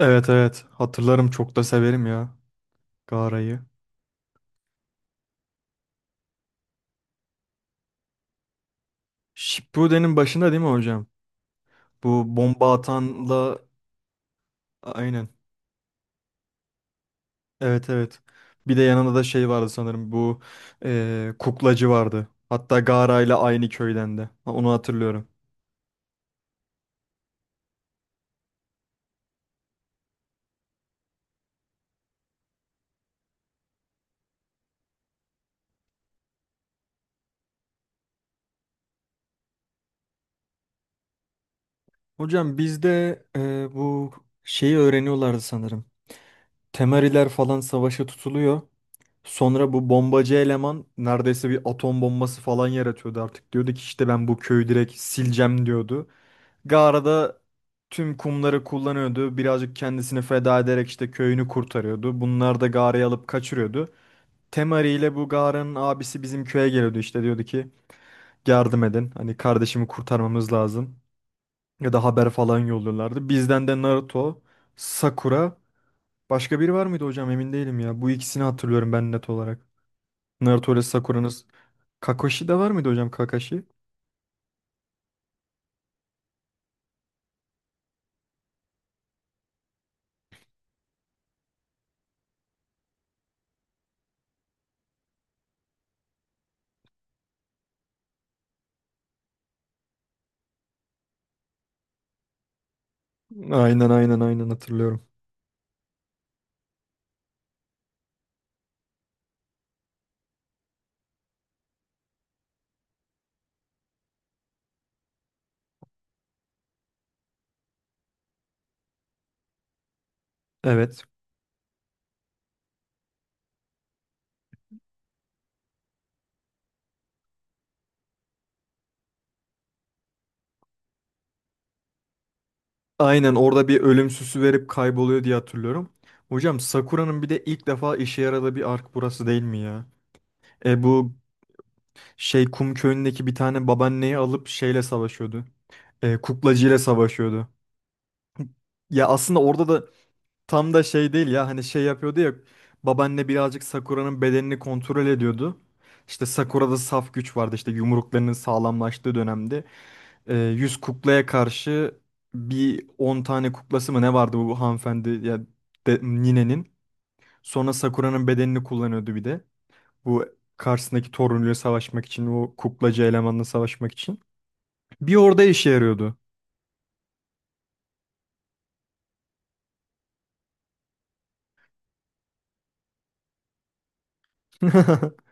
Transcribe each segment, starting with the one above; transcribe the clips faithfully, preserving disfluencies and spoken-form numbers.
Evet evet hatırlarım çok da severim ya Gaara'yı. Shippuden'in başında değil mi hocam? Bu bomba atanla aynen. Evet evet. Bir de yanında da şey vardı sanırım bu eee, kuklacı vardı. Hatta Gaara ile aynı köyden de. Ha, onu hatırlıyorum. Hocam bizde eee, bu şeyi öğreniyorlardı sanırım. Temariler falan savaşa tutuluyor. Sonra bu bombacı eleman neredeyse bir atom bombası falan yaratıyordu artık. Diyordu ki işte ben bu köyü direkt sileceğim diyordu. Gara'da tüm kumları kullanıyordu. Birazcık kendisini feda ederek işte köyünü kurtarıyordu. Bunlar da Gara'yı alıp kaçırıyordu. Temari ile bu Gara'nın abisi bizim köye geliyordu işte diyordu ki yardım edin. Hani kardeşimi kurtarmamız lazım. Ya da haber falan yolluyorlardı. Bizden de Naruto, Sakura, başka biri var mıydı hocam emin değilim ya. Bu ikisini hatırlıyorum ben net olarak. Naruto ile Sakura'nız. Kakashi de var mıydı hocam Kakashi? Aynen aynen aynen hatırlıyorum. Evet. Aynen orada bir ölüm verip kayboluyor diye hatırlıyorum. Hocam Sakura'nın bir de ilk defa işe yaradığı bir ark burası değil mi ya? E bu şey kum köyündeki bir tane babaanneyi alıp şeyle savaşıyordu. E, kuklacıyla savaşıyordu. Ya aslında orada da tam da şey değil ya hani şey yapıyordu ya babaanne birazcık Sakura'nın bedenini kontrol ediyordu. İşte Sakura'da saf güç vardı işte yumruklarının sağlamlaştığı dönemde. e, yüz kuklaya karşı bir on tane kuklası mı ne vardı bu hanımefendi ya de, ninenin. Sonra Sakura'nın bedenini kullanıyordu bir de. Bu karşısındaki torunuyla savaşmak için o kuklacı elemanla savaşmak için. Bir orada işe yarıyordu.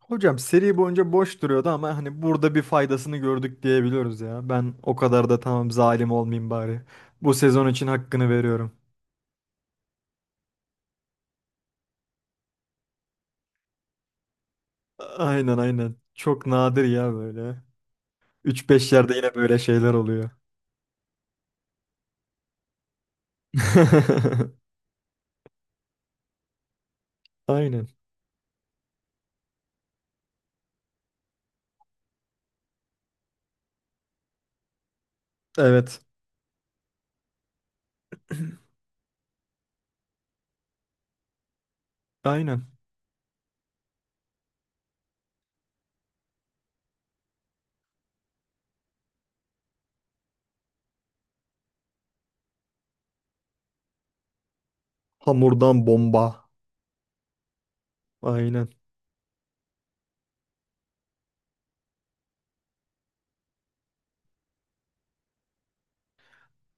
Hocam seri boyunca boş duruyordu ama hani burada bir faydasını gördük diyebiliyoruz ya. Ben o kadar da tamam zalim olmayayım bari. Bu sezon için hakkını veriyorum. Aynen aynen. Çok nadir ya böyle. Üç beş yerde yine böyle şeyler oluyor. Aynen. Evet. Aynen. Hamurdan bomba. Aynen.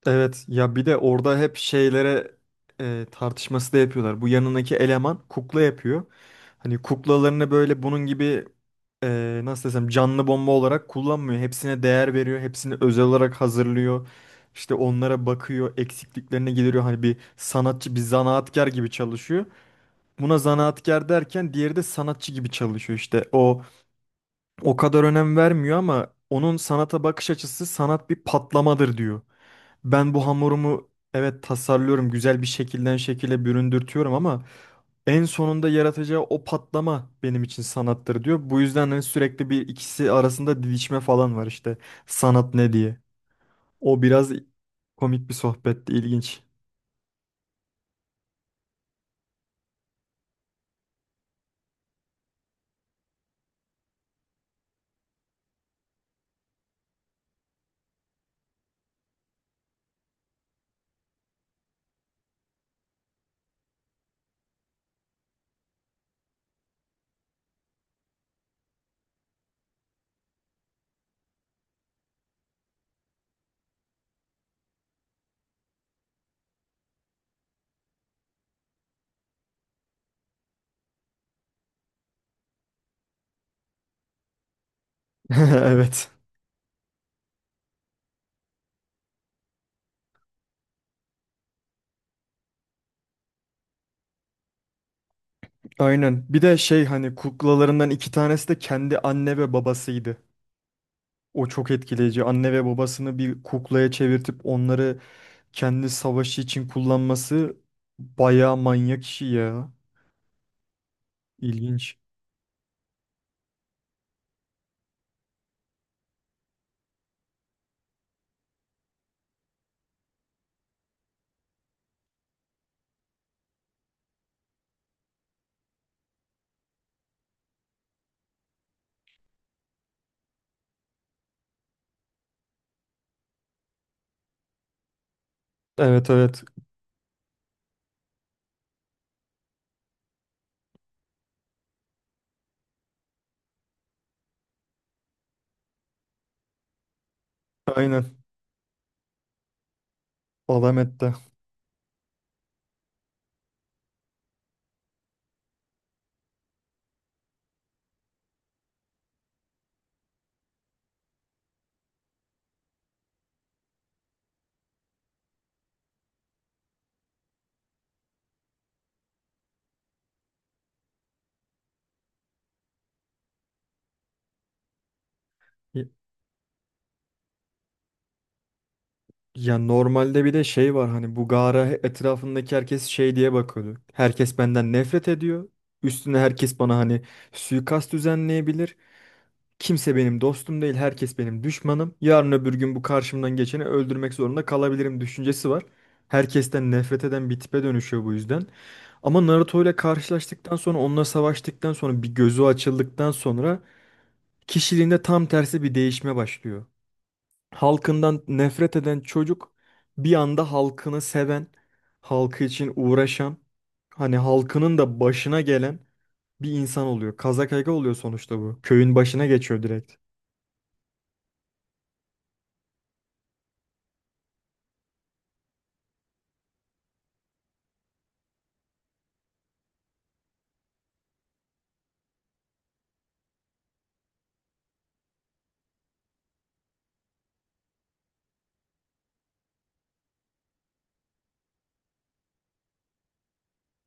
Evet. Ya bir de orada hep şeylere e, tartışması da yapıyorlar. Bu yanındaki eleman kukla yapıyor. Hani kuklalarını böyle bunun gibi e, nasıl desem canlı bomba olarak kullanmıyor. Hepsine değer veriyor. Hepsini özel olarak hazırlıyor. İşte onlara bakıyor. Eksikliklerini gideriyor. Hani bir sanatçı, bir zanaatkar gibi çalışıyor. Buna zanaatkar derken diğeri de sanatçı gibi çalışıyor. İşte o o kadar önem vermiyor ama onun sanata bakış açısı sanat bir patlamadır diyor. Ben bu hamurumu evet tasarlıyorum, güzel bir şekilden şekile büründürtüyorum ama en sonunda yaratacağı o patlama benim için sanattır diyor. Bu yüzden hani sürekli bir ikisi arasında didişme falan var işte sanat ne diye. O biraz komik bir sohbetti, ilginç. Evet. Aynen. Bir de şey hani kuklalarından iki tanesi de kendi anne ve babasıydı. O çok etkileyici. Anne ve babasını bir kuklaya çevirtip onları kendi savaşı için kullanması bayağı manyak işi ya. İlginç. Evet evet. Aynen. Alamet'te. Ya ya normalde bir de şey var hani bu Gara etrafındaki herkes şey diye bakıyordu. Herkes benden nefret ediyor. Üstüne herkes bana hani suikast düzenleyebilir. Kimse benim dostum değil, herkes benim düşmanım. Yarın öbür gün bu karşımdan geçeni öldürmek zorunda kalabilirim düşüncesi var. Herkesten nefret eden bir tipe dönüşüyor bu yüzden. Ama Naruto ile karşılaştıktan sonra, onunla savaştıktan sonra, bir gözü açıldıktan sonra kişiliğinde tam tersi bir değişme başlıyor. Halkından nefret eden çocuk bir anda halkını seven, halkı için uğraşan, hani halkının da başına gelen bir insan oluyor. Kazakage oluyor sonuçta bu. Köyün başına geçiyor direkt.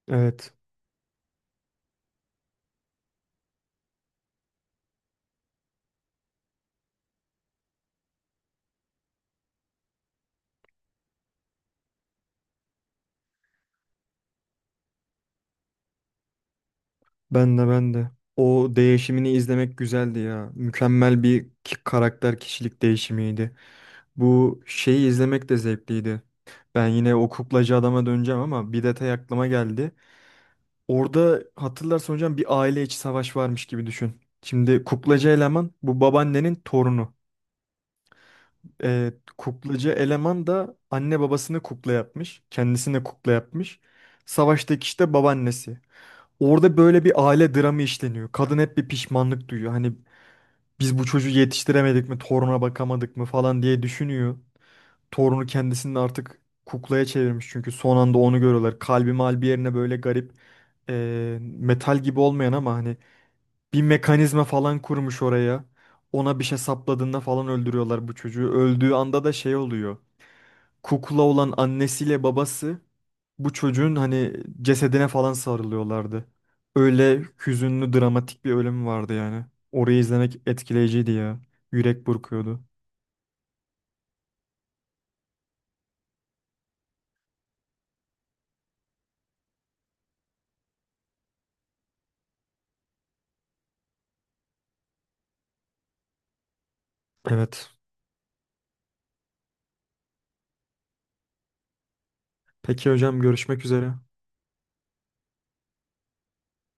Evet. Ben de ben de. O değişimini izlemek güzeldi ya. Mükemmel bir ki- karakter kişilik değişimiydi. Bu şeyi izlemek de zevkliydi. Ben yine o kuklacı adama döneceğim ama bir detay aklıma geldi. Orada hatırlarsan hocam bir aile içi savaş varmış gibi düşün. Şimdi kuklacı eleman bu babaannenin torunu. Ee, kuklacı eleman da anne babasını kukla yapmış. Kendisini kukla yapmış. Savaştaki işte babaannesi. Orada böyle bir aile dramı işleniyor. Kadın hep bir pişmanlık duyuyor. Hani biz bu çocuğu yetiştiremedik mi, toruna bakamadık mı falan diye düşünüyor. Torunu kendisini artık kuklaya çevirmiş çünkü son anda onu görüyorlar. Kalbi malbi yerine böyle garip e, metal gibi olmayan ama hani bir mekanizma falan kurmuş oraya. Ona bir şey sapladığında falan öldürüyorlar bu çocuğu. Öldüğü anda da şey oluyor. Kukla olan annesiyle babası bu çocuğun hani cesedine falan sarılıyorlardı. Öyle hüzünlü dramatik bir ölüm vardı yani. Orayı izlemek etkileyiciydi ya. Yürek burkuyordu. Evet. Peki hocam görüşmek üzere.